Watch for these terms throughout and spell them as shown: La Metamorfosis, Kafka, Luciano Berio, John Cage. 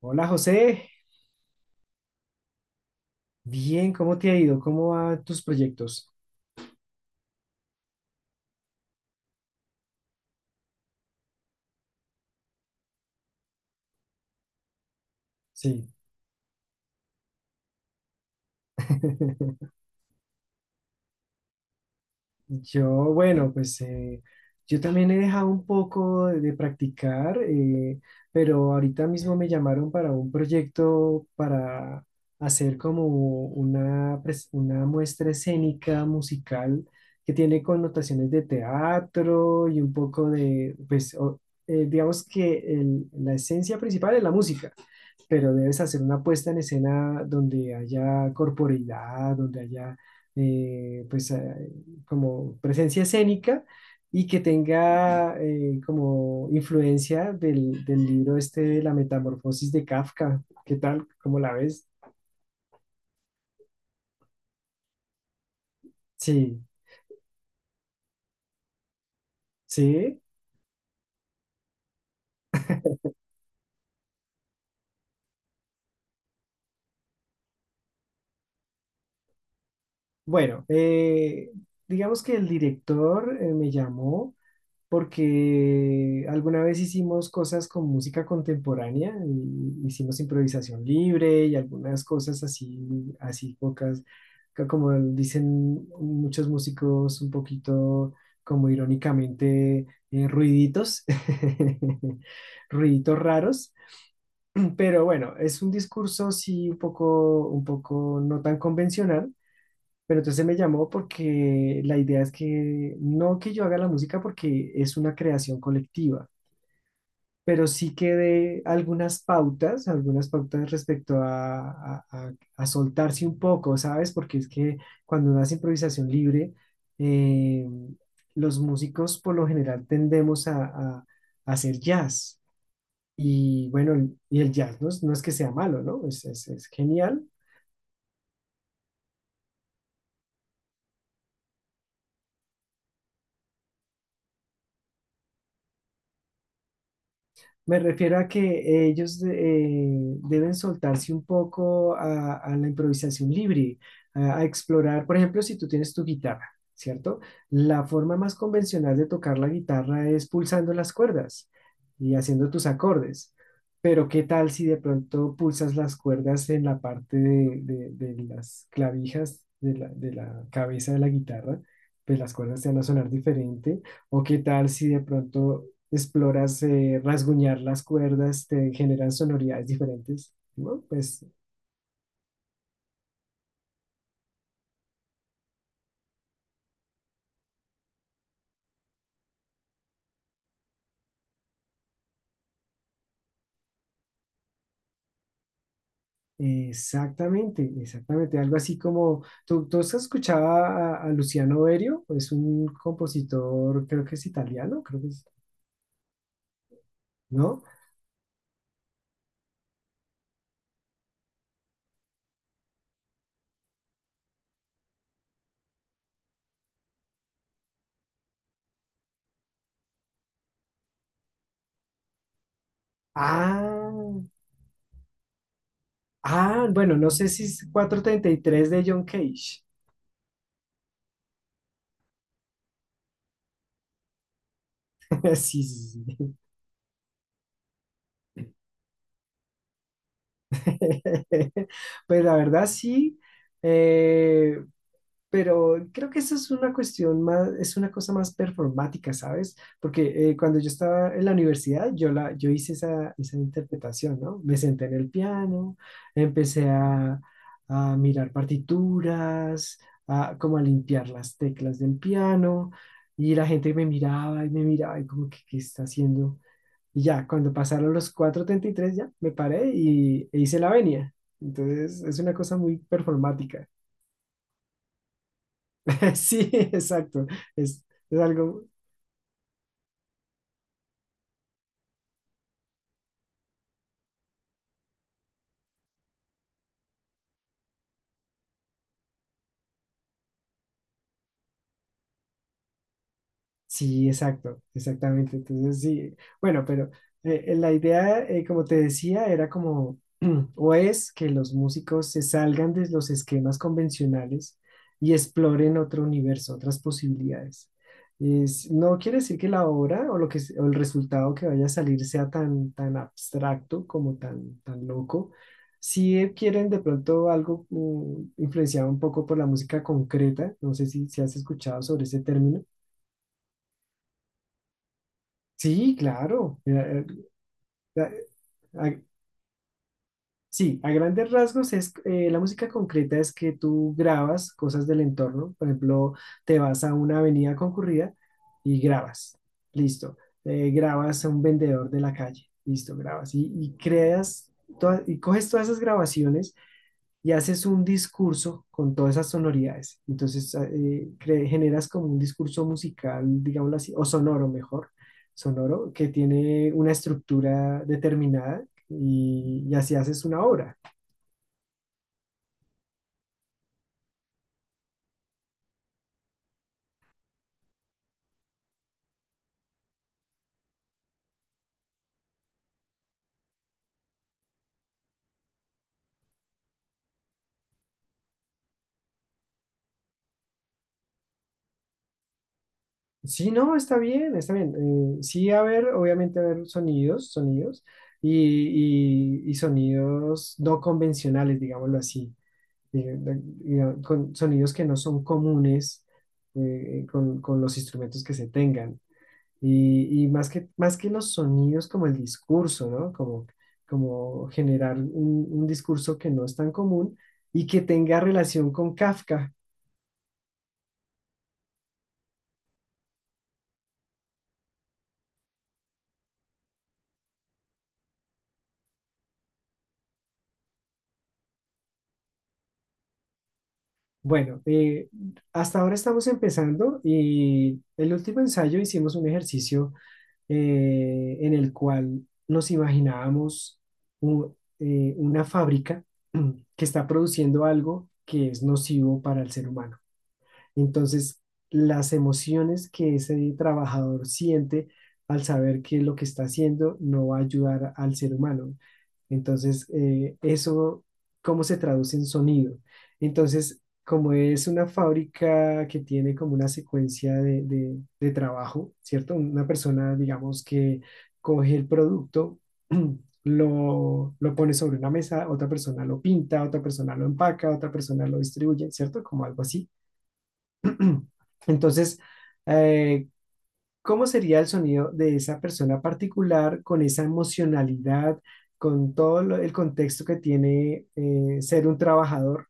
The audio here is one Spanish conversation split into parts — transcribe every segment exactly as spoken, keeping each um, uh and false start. Hola José, bien, ¿cómo te ha ido? ¿Cómo van tus proyectos? Sí, yo, bueno, pues eh, yo también he dejado un poco de, de practicar, eh, pero ahorita mismo me llamaron para un proyecto para hacer como una, pres- una muestra escénica musical que tiene connotaciones de teatro y un poco de, pues, o- eh, digamos que el- la esencia principal es la música. Pero debes hacer una puesta en escena donde haya corporeidad, donde haya eh, pues eh, como presencia escénica y que tenga eh, como influencia del, del libro este de La Metamorfosis de Kafka. ¿Qué tal? ¿Cómo la ves? Sí, sí. Bueno, eh, digamos que el director eh, me llamó porque alguna vez hicimos cosas con música contemporánea, y hicimos improvisación libre y algunas cosas así, así pocas, ca- como dicen muchos músicos, un poquito como irónicamente eh, ruiditos, ruiditos raros, pero bueno, es un discurso sí un poco, un poco no tan convencional, pero entonces me llamó porque la idea es que no que yo haga la música porque es una creación colectiva, pero sí que dé algunas pautas, algunas pautas respecto a, a- a- a soltarse un poco, ¿sabes? Porque es que cuando uno hace improvisación libre, eh, los músicos por lo general tendemos a, a- a hacer jazz. Y bueno, y el jazz no es, no es que sea malo, ¿no? es es- es genial. Me refiero a que ellos eh, deben soltarse un poco a, a la improvisación libre, a, a explorar, por ejemplo, si tú tienes tu guitarra, ¿cierto? La forma más convencional de tocar la guitarra es pulsando las cuerdas y haciendo tus acordes, pero ¿qué tal si de pronto pulsas las cuerdas en la parte de, de- de las clavijas de la, de la cabeza de la guitarra? Pues las cuerdas te van a sonar diferente. ¿O qué tal si de pronto exploras eh, rasguñar las cuerdas, te generan sonoridades diferentes? Bueno, pues exactamente, exactamente. Algo así como, ¿tú, tú has escuchado a, a Luciano Berio? Es un compositor, creo que es italiano, creo que es, ¿no? Ah, ah, bueno, no sé si es cuatrocientos treinta y tres de John Cage. Sí, sí, sí. Pues la verdad sí. Eh, Pero creo que eso es una cuestión más, es una cosa más performática, ¿sabes? Porque eh, cuando yo estaba en la universidad, yo, la, yo hice esa, esa interpretación, ¿no? Me senté en el piano, empecé a, a mirar partituras, a, como a limpiar las teclas del piano, y la gente me miraba y me miraba y como que, ¿qué está haciendo? Y ya, cuando pasaron los cuatro treinta y tres ya me paré y, e hice la venia. Entonces, es una cosa muy performática. Sí, exacto. Es, es algo. Sí, exacto, exactamente. Entonces, sí, bueno, pero eh, eh, la idea, eh, como te decía, era como, o es que los músicos se salgan de los esquemas convencionales y exploren otro universo, otras posibilidades. Es- no quiere decir que la obra o, lo que, s- o el resultado que vaya a salir sea tan, tan abstracto como tan, tan loco. Si quieren de pronto algo mm, influenciado un poco por la música concreta, no sé si, si has escuchado sobre ese término. Sí, claro. Eh, eh, a- a- eh, sí, a grandes rasgos es eh, la música concreta es que tú grabas cosas del entorno. Por ejemplo, te vas a una avenida concurrida y grabas. Listo. Eh, grabas a un vendedor de la calle. Listo, grabas. Y, y creas toda- y coges todas esas grabaciones y haces un discurso con todas esas sonoridades. Entonces, ah, eh, cre- generas como un discurso musical, digámoslo así, o sonoro mejor, sonoro, que tiene una estructura determinada y, y así haces una obra. Sí, no, está bien, está bien. Eh, sí, a ver, obviamente, a ver sonidos, sonidos y, y- y sonidos no convencionales, digámoslo así, eh, digamos, con sonidos que no son comunes eh, con, con los instrumentos que se tengan. Y, y más que, más que los sonidos, como el discurso, ¿no? Como, como generar un, un discurso que no es tan común y que tenga relación con Kafka. Bueno, eh, hasta ahora estamos empezando y el último ensayo hicimos un ejercicio eh, en el cual nos imaginábamos un- eh, una fábrica que está produciendo algo que es nocivo para el ser humano. Entonces, las emociones que ese trabajador siente al saber que lo que está haciendo no va a ayudar al ser humano. Entonces, eh, eso, ¿cómo se traduce en sonido? Entonces, como es una fábrica que tiene como una secuencia de, de- de trabajo, ¿cierto? Una persona, digamos, que coge el producto, lo, lo pone sobre una mesa, otra persona lo pinta, otra persona lo empaca, otra persona lo distribuye, ¿cierto? Como algo así. Entonces, eh, ¿cómo sería el sonido de esa persona particular con esa emocionalidad, con todo lo- el contexto que tiene eh, ser un trabajador?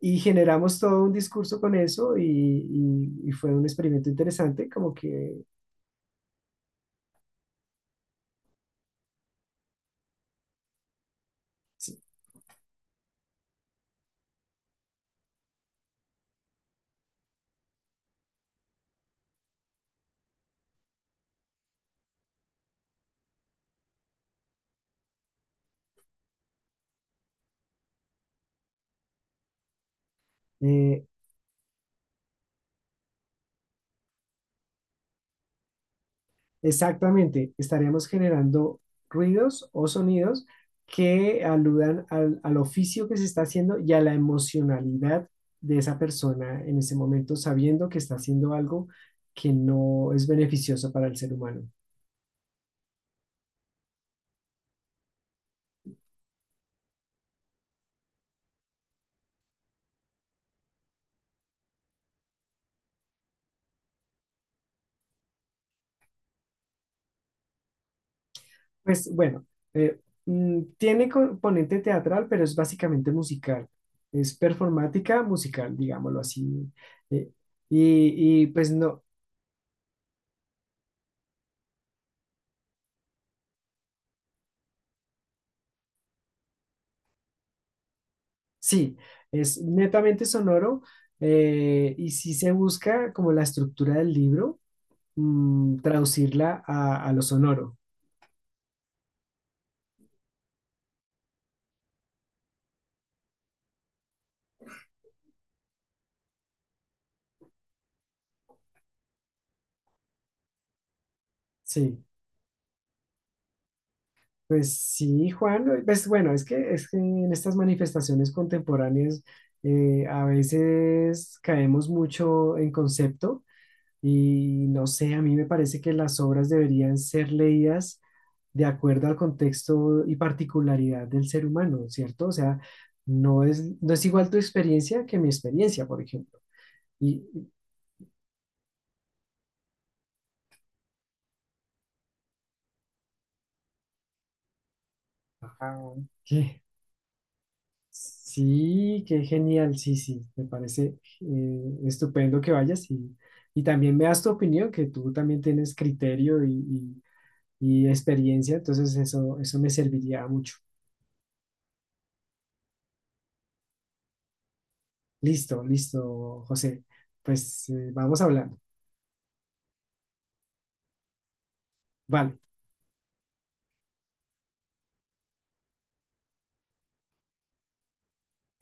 Y generamos todo un discurso con eso y, y- y fue un experimento interesante, como que eh, exactamente, estaríamos generando ruidos o sonidos que aludan al, al oficio que se está haciendo y a la emocionalidad de esa persona en ese momento, sabiendo que está haciendo algo que no es beneficioso para el ser humano. Pues bueno, eh, mm, tiene componente teatral, pero es básicamente musical. Es performática musical, digámoslo así. Eh, y, y, pues no, sí, es netamente sonoro, eh, y sí se busca como la estructura del libro, mm, traducirla a, a lo sonoro. Sí, pues sí, Juan, pues bueno, es que, es que en estas manifestaciones contemporáneas eh, a veces caemos mucho en concepto y no sé, a mí me parece que las obras deberían ser leídas de acuerdo al contexto y particularidad del ser humano, ¿cierto? O sea, no es, no es igual tu experiencia que mi experiencia, por ejemplo. Y, y- ah, ¿qué? Sí, qué genial, sí, sí, me parece eh, estupendo que vayas y, y también me das tu opinión, que tú también tienes criterio y, y- y experiencia, entonces eso, eso me serviría mucho. Listo, listo, José. Pues eh, vamos hablando. Vale.